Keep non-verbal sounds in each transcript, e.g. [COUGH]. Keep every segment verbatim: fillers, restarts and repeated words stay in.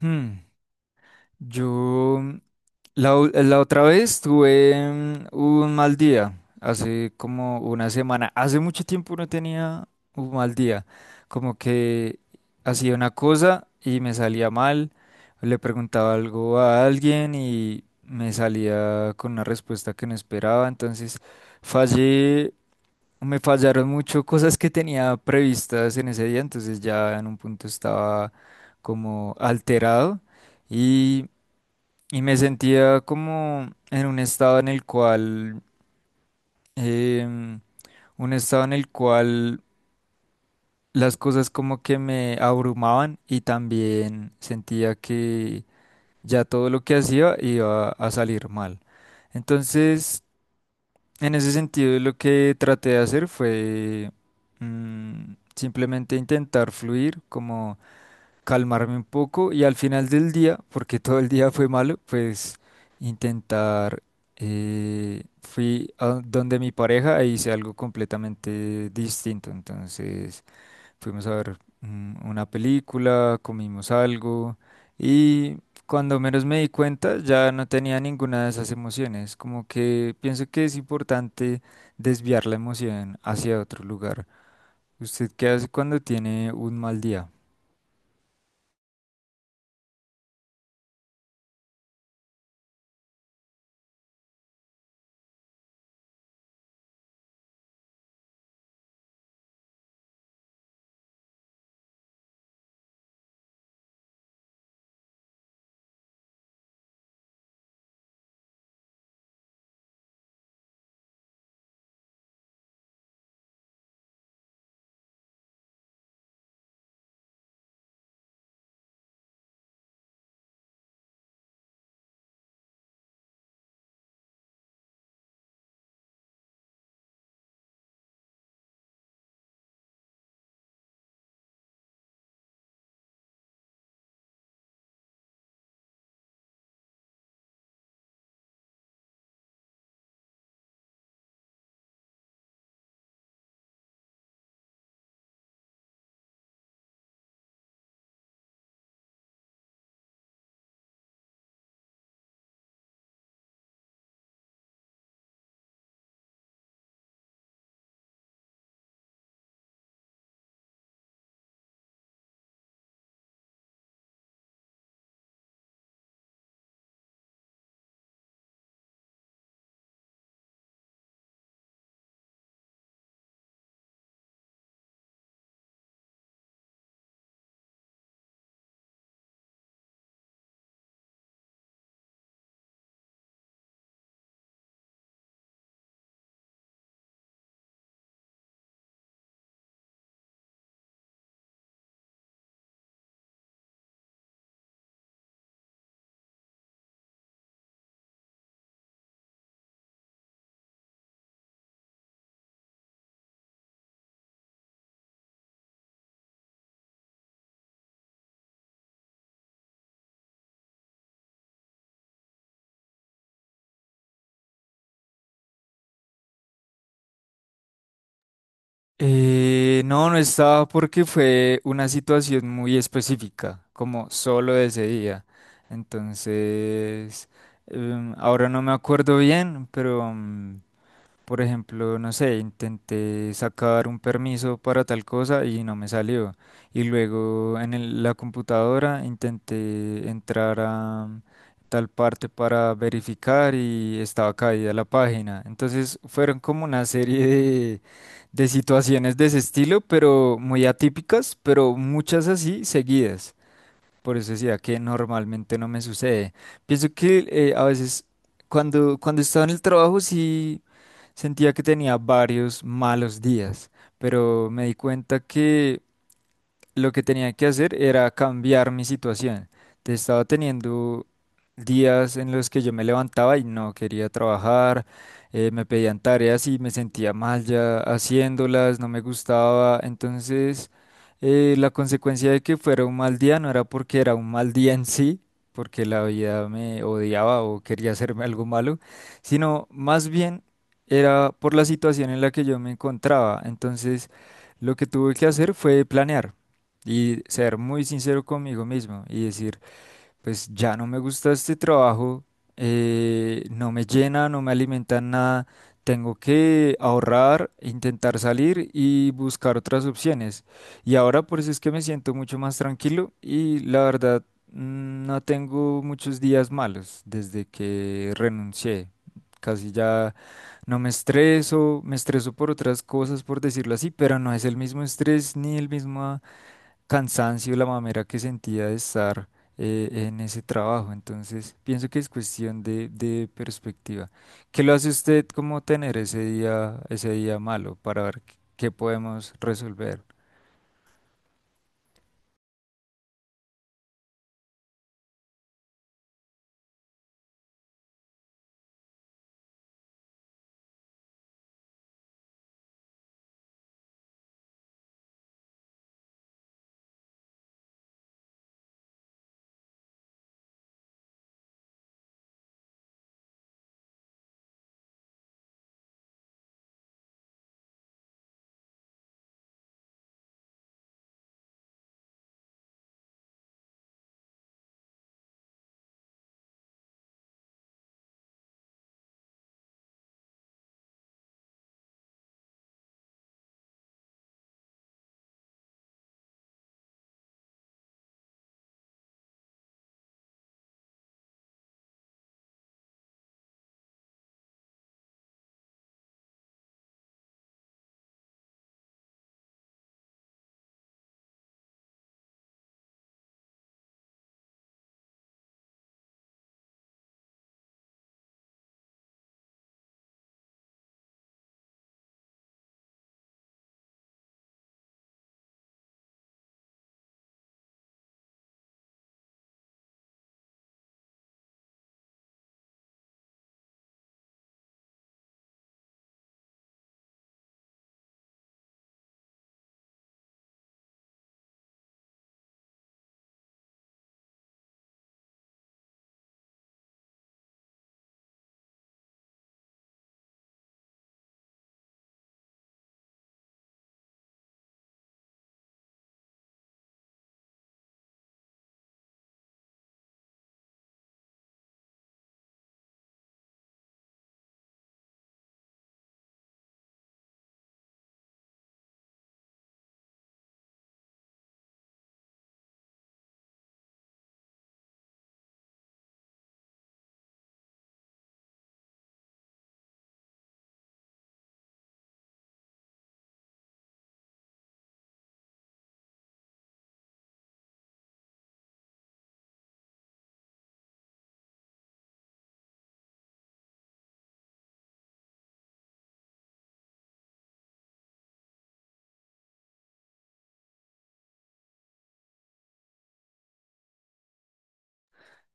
Hmm, Yo la, u- la otra vez tuve mm, un mal día, hace como una semana. Hace mucho tiempo no tenía un mal día. Como que hacía una cosa y me salía mal. Le preguntaba algo a alguien y me salía con una respuesta que no esperaba. Entonces fallé, me fallaron mucho [LAUGHS] cosas que tenía previstas en ese día. Entonces ya en un punto estaba como alterado. Y me sentía como en un estado en el cual, em, un estado en el cual las cosas como que me abrumaban y también sentía que ya todo lo que hacía iba a salir mal. Entonces, en ese sentido, lo que traté de hacer fue mm, simplemente intentar fluir, como calmarme un poco y al final del día, porque todo el día fue malo, pues intentar, eh, fui a donde mi pareja e hice algo completamente distinto. Entonces fuimos a ver mm, una película, comimos algo y cuando menos me di cuenta ya no tenía ninguna de esas emociones. Como que pienso que es importante desviar la emoción hacia otro lugar. ¿Usted qué hace cuando tiene un mal día? Eh, no, no estaba porque fue una situación muy específica, como solo de ese día. Entonces, em, ahora no me acuerdo bien, pero, mm, por ejemplo, no sé, intenté sacar un permiso para tal cosa y no me salió. Y luego en el- la computadora intenté entrar a tal parte para verificar y estaba caída la página. Entonces fueron como una serie de, de situaciones de ese estilo, pero muy atípicas, pero muchas así seguidas. Por eso decía que normalmente no me sucede. Pienso que eh, a veces cuando, cuando estaba en el trabajo sí sentía que tenía varios malos días, pero me di cuenta que lo que tenía que hacer era cambiar mi situación. Te estaba teniendo días en los que yo me levantaba y no quería trabajar, eh, me pedían tareas y me sentía mal ya haciéndolas, no me gustaba. Entonces, eh, la consecuencia de que fuera un mal día no era porque era un mal día en sí, porque la vida me odiaba o quería hacerme algo malo, sino más bien era por la situación en la que yo me encontraba. Entonces, lo que tuve que hacer fue planear. Y ser muy sincero conmigo mismo y decir, pues ya no me gusta este trabajo, eh, no me llena, no me alimenta en nada, tengo que ahorrar, intentar salir y buscar otras opciones. Y ahora por eso es que me siento mucho más tranquilo y la verdad mm, no tengo muchos días malos desde que renuncié. Casi ya no me estreso, me estreso por otras cosas, por decirlo así, pero no es el mismo estrés ni el mismo cansancio, la mamera que sentía de estar eh, en ese trabajo. Entonces, pienso que es cuestión de, de perspectiva. ¿Qué lo hace usted como tener ese día, ese día malo para ver qué qué podemos resolver?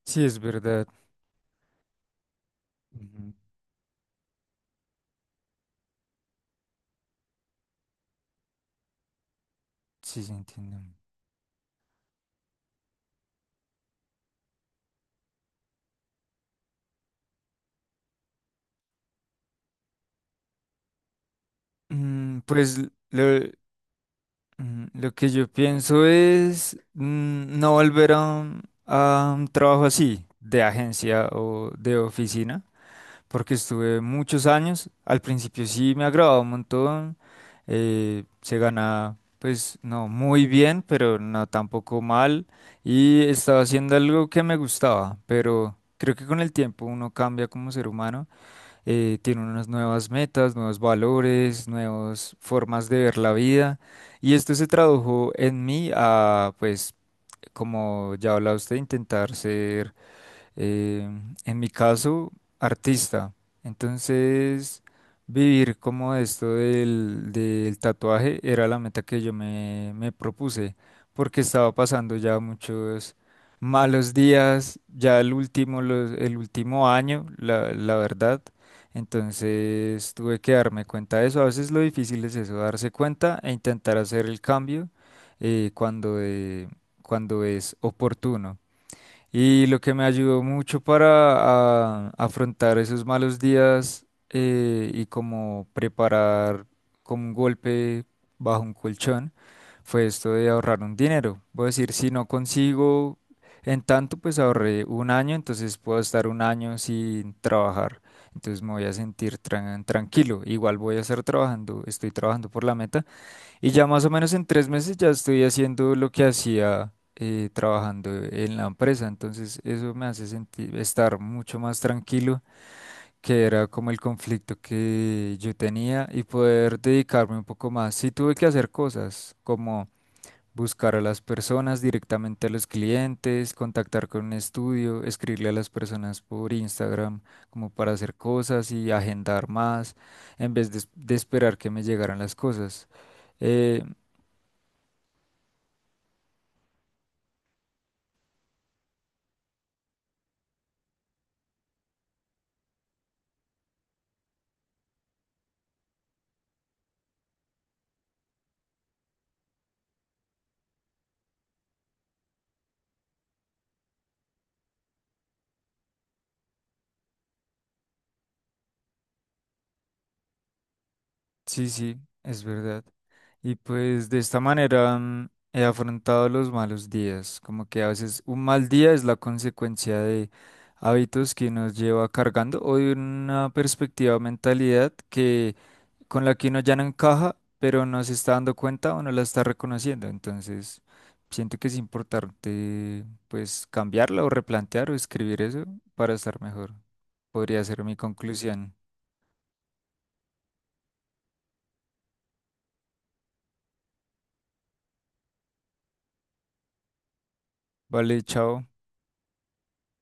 Sí, es verdad. Ujú. Sí, sí, entiendo. Mm, pues lo, mm, lo que yo pienso es mm, no volver a un, a un, trabajo así, de agencia o de oficina porque estuve muchos años. Al principio sí me agradaba un montón. Eh, se ganaba, pues no muy bien, pero no tampoco mal. Y estaba haciendo algo que me gustaba, pero creo que con el tiempo uno cambia como ser humano. Eh, tiene unas nuevas metas, nuevos valores, nuevas formas de ver la vida. Y esto se tradujo en mí a, pues, como ya hablaba usted, intentar ser eh, en mi caso, artista. Entonces, vivir como esto del, del tatuaje era la meta que yo me, me propuse, porque estaba pasando ya muchos malos días, ya el último, los- el último año, la, la verdad. Entonces, tuve que darme cuenta de eso. A veces lo difícil es eso, darse cuenta e intentar hacer el cambio eh, cuando, eh, cuando es oportuno. Y lo que me ayudó mucho para ah, afrontar esos malos días eh, y como preparar como un golpe bajo un colchón fue esto de ahorrar un dinero. Voy a decir, si no consigo en tanto, pues ahorré un año, entonces puedo estar un año sin trabajar. Entonces me voy a sentir tran- tranquilo. Igual voy a estar trabajando, estoy trabajando por la meta, y ya más o menos en tres meses ya estoy haciendo lo que hacía eh, trabajando en la empresa. Entonces eso me hace sentir estar mucho más tranquilo, que era como el conflicto que yo tenía y poder dedicarme un poco más. Sí tuve que hacer cosas como buscar a las personas directamente a los clientes, contactar con un estudio, escribirle a las personas por Instagram como para hacer cosas y agendar más en vez de de esperar que me llegaran las cosas. Eh, Sí, sí, es verdad. Y pues de esta manera mm, he afrontado los malos días, como que a veces un mal día es la consecuencia de hábitos que nos lleva cargando o de una perspectiva, mentalidad que con la que uno ya no encaja, pero no se está dando cuenta o no la está reconociendo. Entonces, siento que es importante pues cambiarla o replantear o escribir eso para estar mejor. Podría ser mi conclusión. Vale, chao.